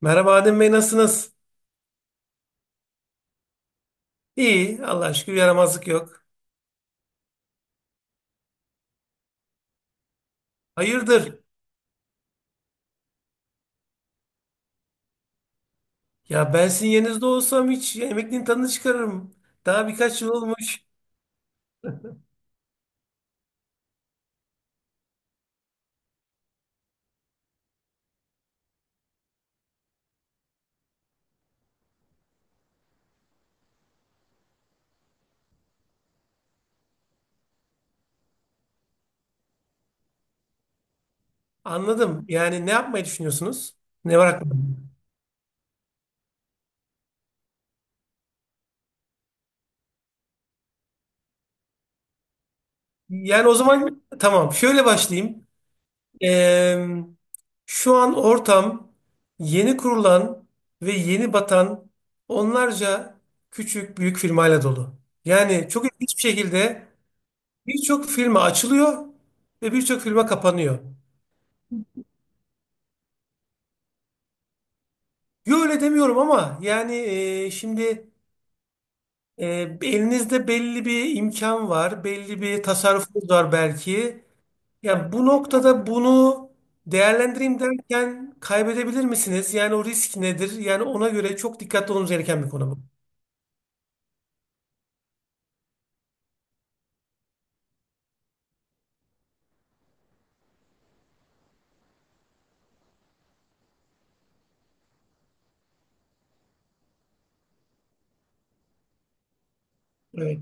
Merhaba Adem Bey, nasılsınız? İyi, Allah'a şükür yaramazlık yok. Hayırdır? Ya ben sizin yerinizde olsam hiç emekliliğin tadını çıkarırım. Daha birkaç yıl olmuş. Anladım. Yani ne yapmayı düşünüyorsunuz? Ne var aklınızda? Yani o zaman tamam, şöyle başlayayım. Ee, Şu an ortam yeni kurulan ve yeni batan onlarca küçük büyük firmayla dolu. Yani çok ilginç bir şekilde birçok firma açılıyor ve birçok firma kapanıyor. Yo, öyle demiyorum ama yani şimdi e, elinizde belli bir imkan var, belli bir tasarrufunuz var belki. Ya bu noktada bunu değerlendireyim derken kaybedebilir misiniz? Yani o risk nedir? Yani ona göre çok dikkatli olmamız gereken bir konu bu. Evet.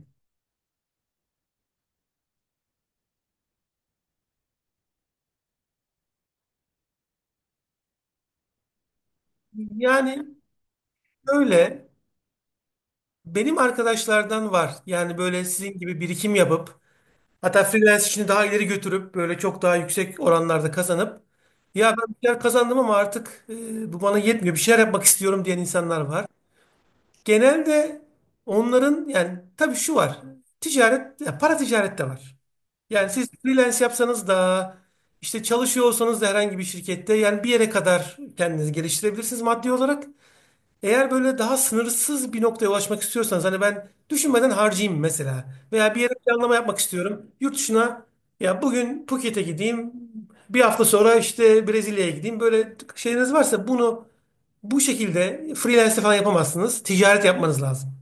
Yani öyle benim arkadaşlardan var. Yani böyle sizin gibi birikim yapıp hatta freelance işini daha ileri götürüp böyle çok daha yüksek oranlarda kazanıp ya ben bir şeyler kazandım ama artık bu bana yetmiyor, bir şeyler yapmak istiyorum diyen insanlar var. Genelde onların yani tabii şu var, ticaret ya para ticaret de var. Yani siz freelance yapsanız da işte çalışıyor olsanız da herhangi bir şirkette yani bir yere kadar kendinizi geliştirebilirsiniz maddi olarak. Eğer böyle daha sınırsız bir noktaya ulaşmak istiyorsanız hani ben düşünmeden harcayayım mesela veya bir yere planlama yapmak istiyorum. Yurt dışına, ya bugün Phuket'e gideyim, bir hafta sonra işte Brezilya'ya gideyim böyle şeyiniz varsa bunu bu şekilde freelance falan yapamazsınız. Ticaret yapmanız lazım.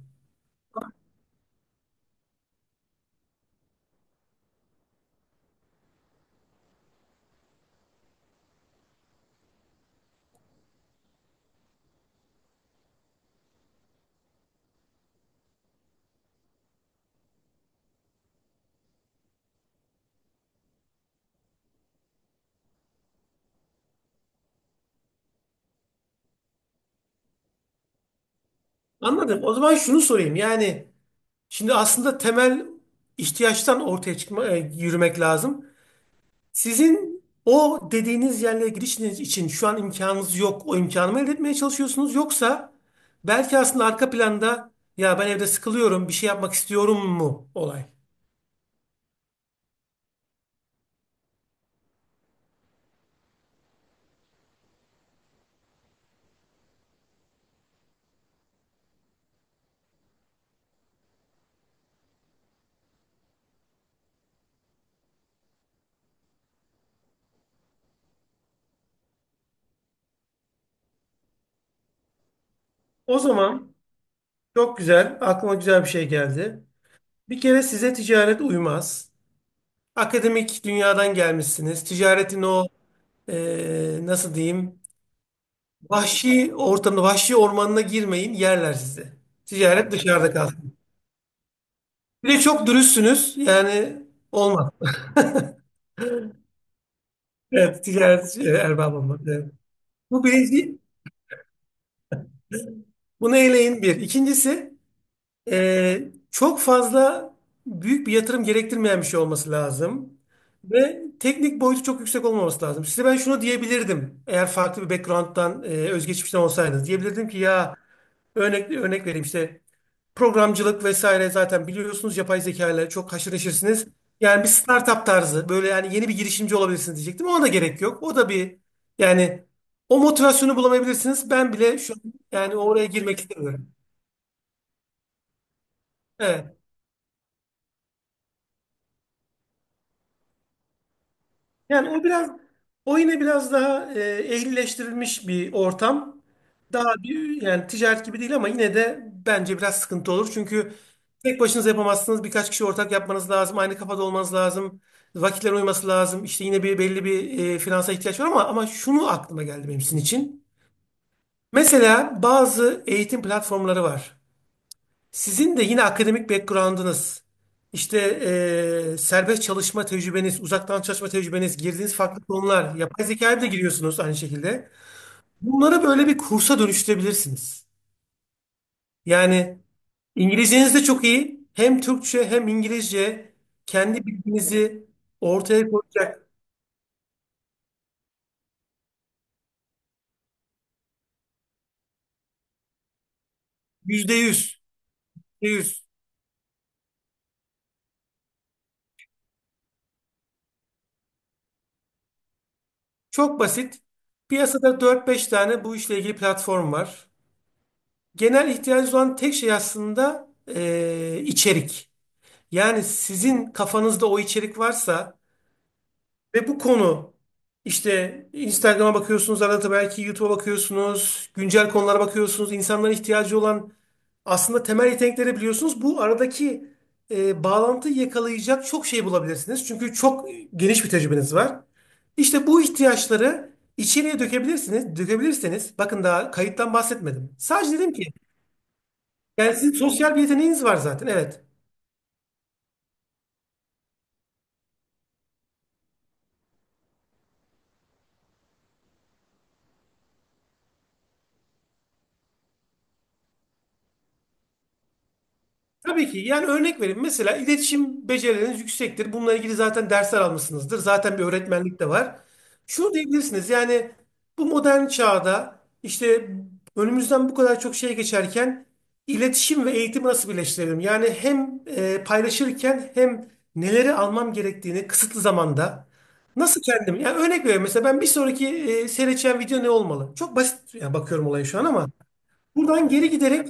Anladım. O zaman şunu sorayım yani şimdi aslında temel ihtiyaçtan ortaya çıkma, yürümek lazım. Sizin o dediğiniz yerlere girişiniz için şu an imkanınız yok. O imkanı mı elde etmeye çalışıyorsunuz? Yoksa belki aslında arka planda ya ben evde sıkılıyorum, bir şey yapmak istiyorum mu olay? O zaman çok güzel, aklıma güzel bir şey geldi. Bir kere size ticaret uymaz. Akademik dünyadan gelmişsiniz. Ticaretin o nasıl diyeyim, vahşi ortamına, vahşi ormanına girmeyin, yerler sizi. Ticaret dışarıda kalsın. Bir de çok dürüstsünüz. Yani olmaz. Evet, ticaret erbabı olmak. Evet. Bu birinci, bunu eleyin bir. İkincisi, çok fazla büyük bir yatırım gerektirmeyen bir şey olması lazım. Ve teknik boyutu çok yüksek olmaması lazım. Size ben şunu diyebilirdim. Eğer farklı bir background'dan, özgeçmişten olsaydınız. Diyebilirdim ki ya örnek vereyim işte. Programcılık vesaire, zaten biliyorsunuz, yapay zeka ile çok haşır neşirsiniz. Yani bir startup tarzı böyle yani yeni bir girişimci olabilirsiniz diyecektim. Ona da gerek yok. O da bir yani o motivasyonu bulamayabilirsiniz. Ben bile şu an yani oraya girmek istemiyorum. Evet. Yani o biraz o yine biraz daha ehlileştirilmiş bir ortam. Daha bir yani ticaret gibi değil ama yine de bence biraz sıkıntı olur. Çünkü tek başınıza yapamazsınız. Birkaç kişi ortak yapmanız lazım. Aynı kafada olmanız lazım. Vakitler uyması lazım. İşte yine bir belli bir finansa ihtiyaç var ama şunu aklıma geldi benim sizin için. Mesela bazı eğitim platformları var. Sizin de yine akademik background'ınız, işte serbest çalışma tecrübeniz, uzaktan çalışma tecrübeniz, girdiğiniz farklı konular, yapay zekaya da giriyorsunuz aynı şekilde. Bunları böyle bir kursa dönüştürebilirsiniz. Yani İngilizceniz de çok iyi. Hem Türkçe hem İngilizce kendi bilginizi ortaya koyacak. Yüzde yüz. Yüzde yüz. Çok basit. Piyasada dört beş tane bu işle ilgili platform var. Genel ihtiyacı olan tek şey aslında içerik. Yani sizin kafanızda o içerik varsa ve bu konu işte Instagram'a bakıyorsunuz, arada belki YouTube'a bakıyorsunuz, güncel konulara bakıyorsunuz, insanların ihtiyacı olan aslında temel yetenekleri biliyorsunuz. Bu aradaki bağlantıyı yakalayacak çok şey bulabilirsiniz. Çünkü çok geniş bir tecrübeniz var. İşte bu ihtiyaçları içeriye dökebilirsiniz. Dökebilirseniz bakın, daha kayıttan bahsetmedim. Sadece dedim ki yani sizin sosyal bir yeteneğiniz var zaten, evet. Tabii ki. Yani örnek vereyim. Mesela iletişim becerileriniz yüksektir. Bununla ilgili zaten dersler almışsınızdır. Zaten bir öğretmenlik de var. Şunu diyebilirsiniz. Yani bu modern çağda işte önümüzden bu kadar çok şey geçerken iletişim ve eğitimi nasıl birleştirelim? Yani hem paylaşırken hem neleri almam gerektiğini kısıtlı zamanda nasıl kendim? Yani örnek veriyorum. Mesela ben bir sonraki seyredeceğim video ne olmalı? Çok basit yani, bakıyorum olaya şu an ama buradan geri giderek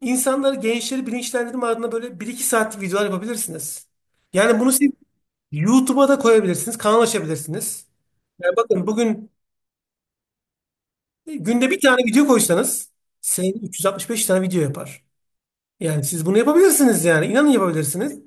insanları, gençleri bilinçlendirme adına böyle bir iki saatlik videolar yapabilirsiniz. Yani bunu siz YouTube'a da koyabilirsiniz, kanal açabilirsiniz. Yani bakın, bugün günde bir tane video koysanız senin 365 tane video yapar. Yani siz bunu yapabilirsiniz yani. İnanın yapabilirsiniz.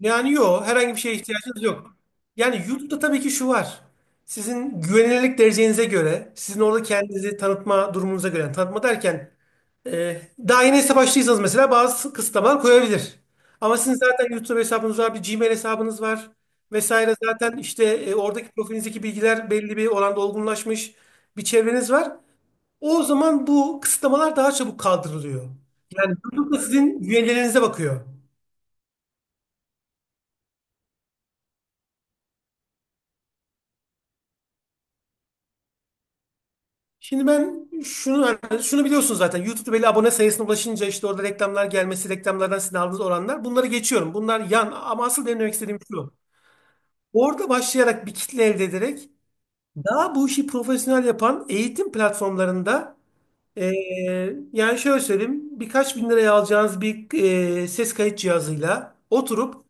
Yani yok, herhangi bir şeye ihtiyacınız yok. Yani YouTube'da tabii ki şu var. Sizin güvenilirlik derecenize göre, sizin orada kendinizi tanıtma durumunuza göre, yani tanıtma derken Ee, daha yeni hesap açtıysanız mesela bazı kısıtlamalar koyabilir. Ama sizin zaten YouTube hesabınız var, bir Gmail hesabınız var vesaire. Zaten işte oradaki profilinizdeki bilgiler belli bir oranda olgunlaşmış bir çevreniz var. O zaman bu kısıtlamalar daha çabuk kaldırılıyor. Yani YouTube da sizin üyelerinize bakıyor. Şimdi ben şunu yani şunu biliyorsunuz zaten. YouTube'da belli abone sayısına ulaşınca işte orada reklamlar gelmesi, reklamlardan sizin aldığınız oranlar. Bunları geçiyorum. Bunlar yan ama asıl benim demek istediğim şu. Orada başlayarak bir kitle elde ederek daha bu işi profesyonel yapan eğitim platformlarında e, yani şöyle söyleyeyim, birkaç bin liraya alacağınız bir ses kayıt cihazıyla oturup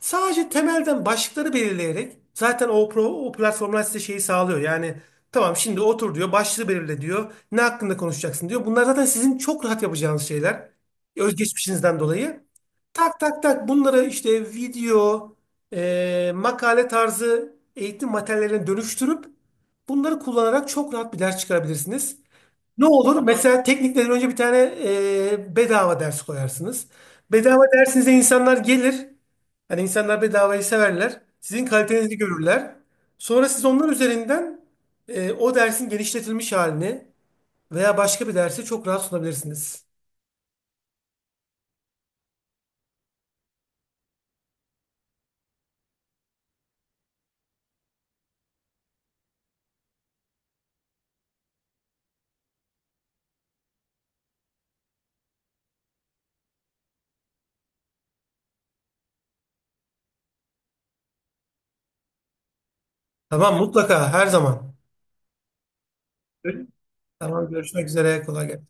sadece temelden başlıkları belirleyerek zaten o, pro, o platformlar size şeyi sağlıyor. Yani tamam, şimdi otur diyor, başlığı belirle diyor, ne hakkında konuşacaksın diyor. Bunlar zaten sizin çok rahat yapacağınız şeyler. Özgeçmişinizden dolayı. Tak tak tak, bunları işte video, makale tarzı eğitim materyallerine dönüştürüp bunları kullanarak çok rahat bir ders çıkarabilirsiniz. Ne olur? Mesela teknikten önce bir tane bedava ders koyarsınız. Bedava dersinize insanlar gelir. Hani insanlar bedavayı severler. Sizin kalitenizi görürler. Sonra siz onlar üzerinden o dersin genişletilmiş halini veya başka bir dersi çok rahat sunabilirsiniz. Tamam, mutlaka her zaman. Tamam, görüşmek üzere, kolay gelsin.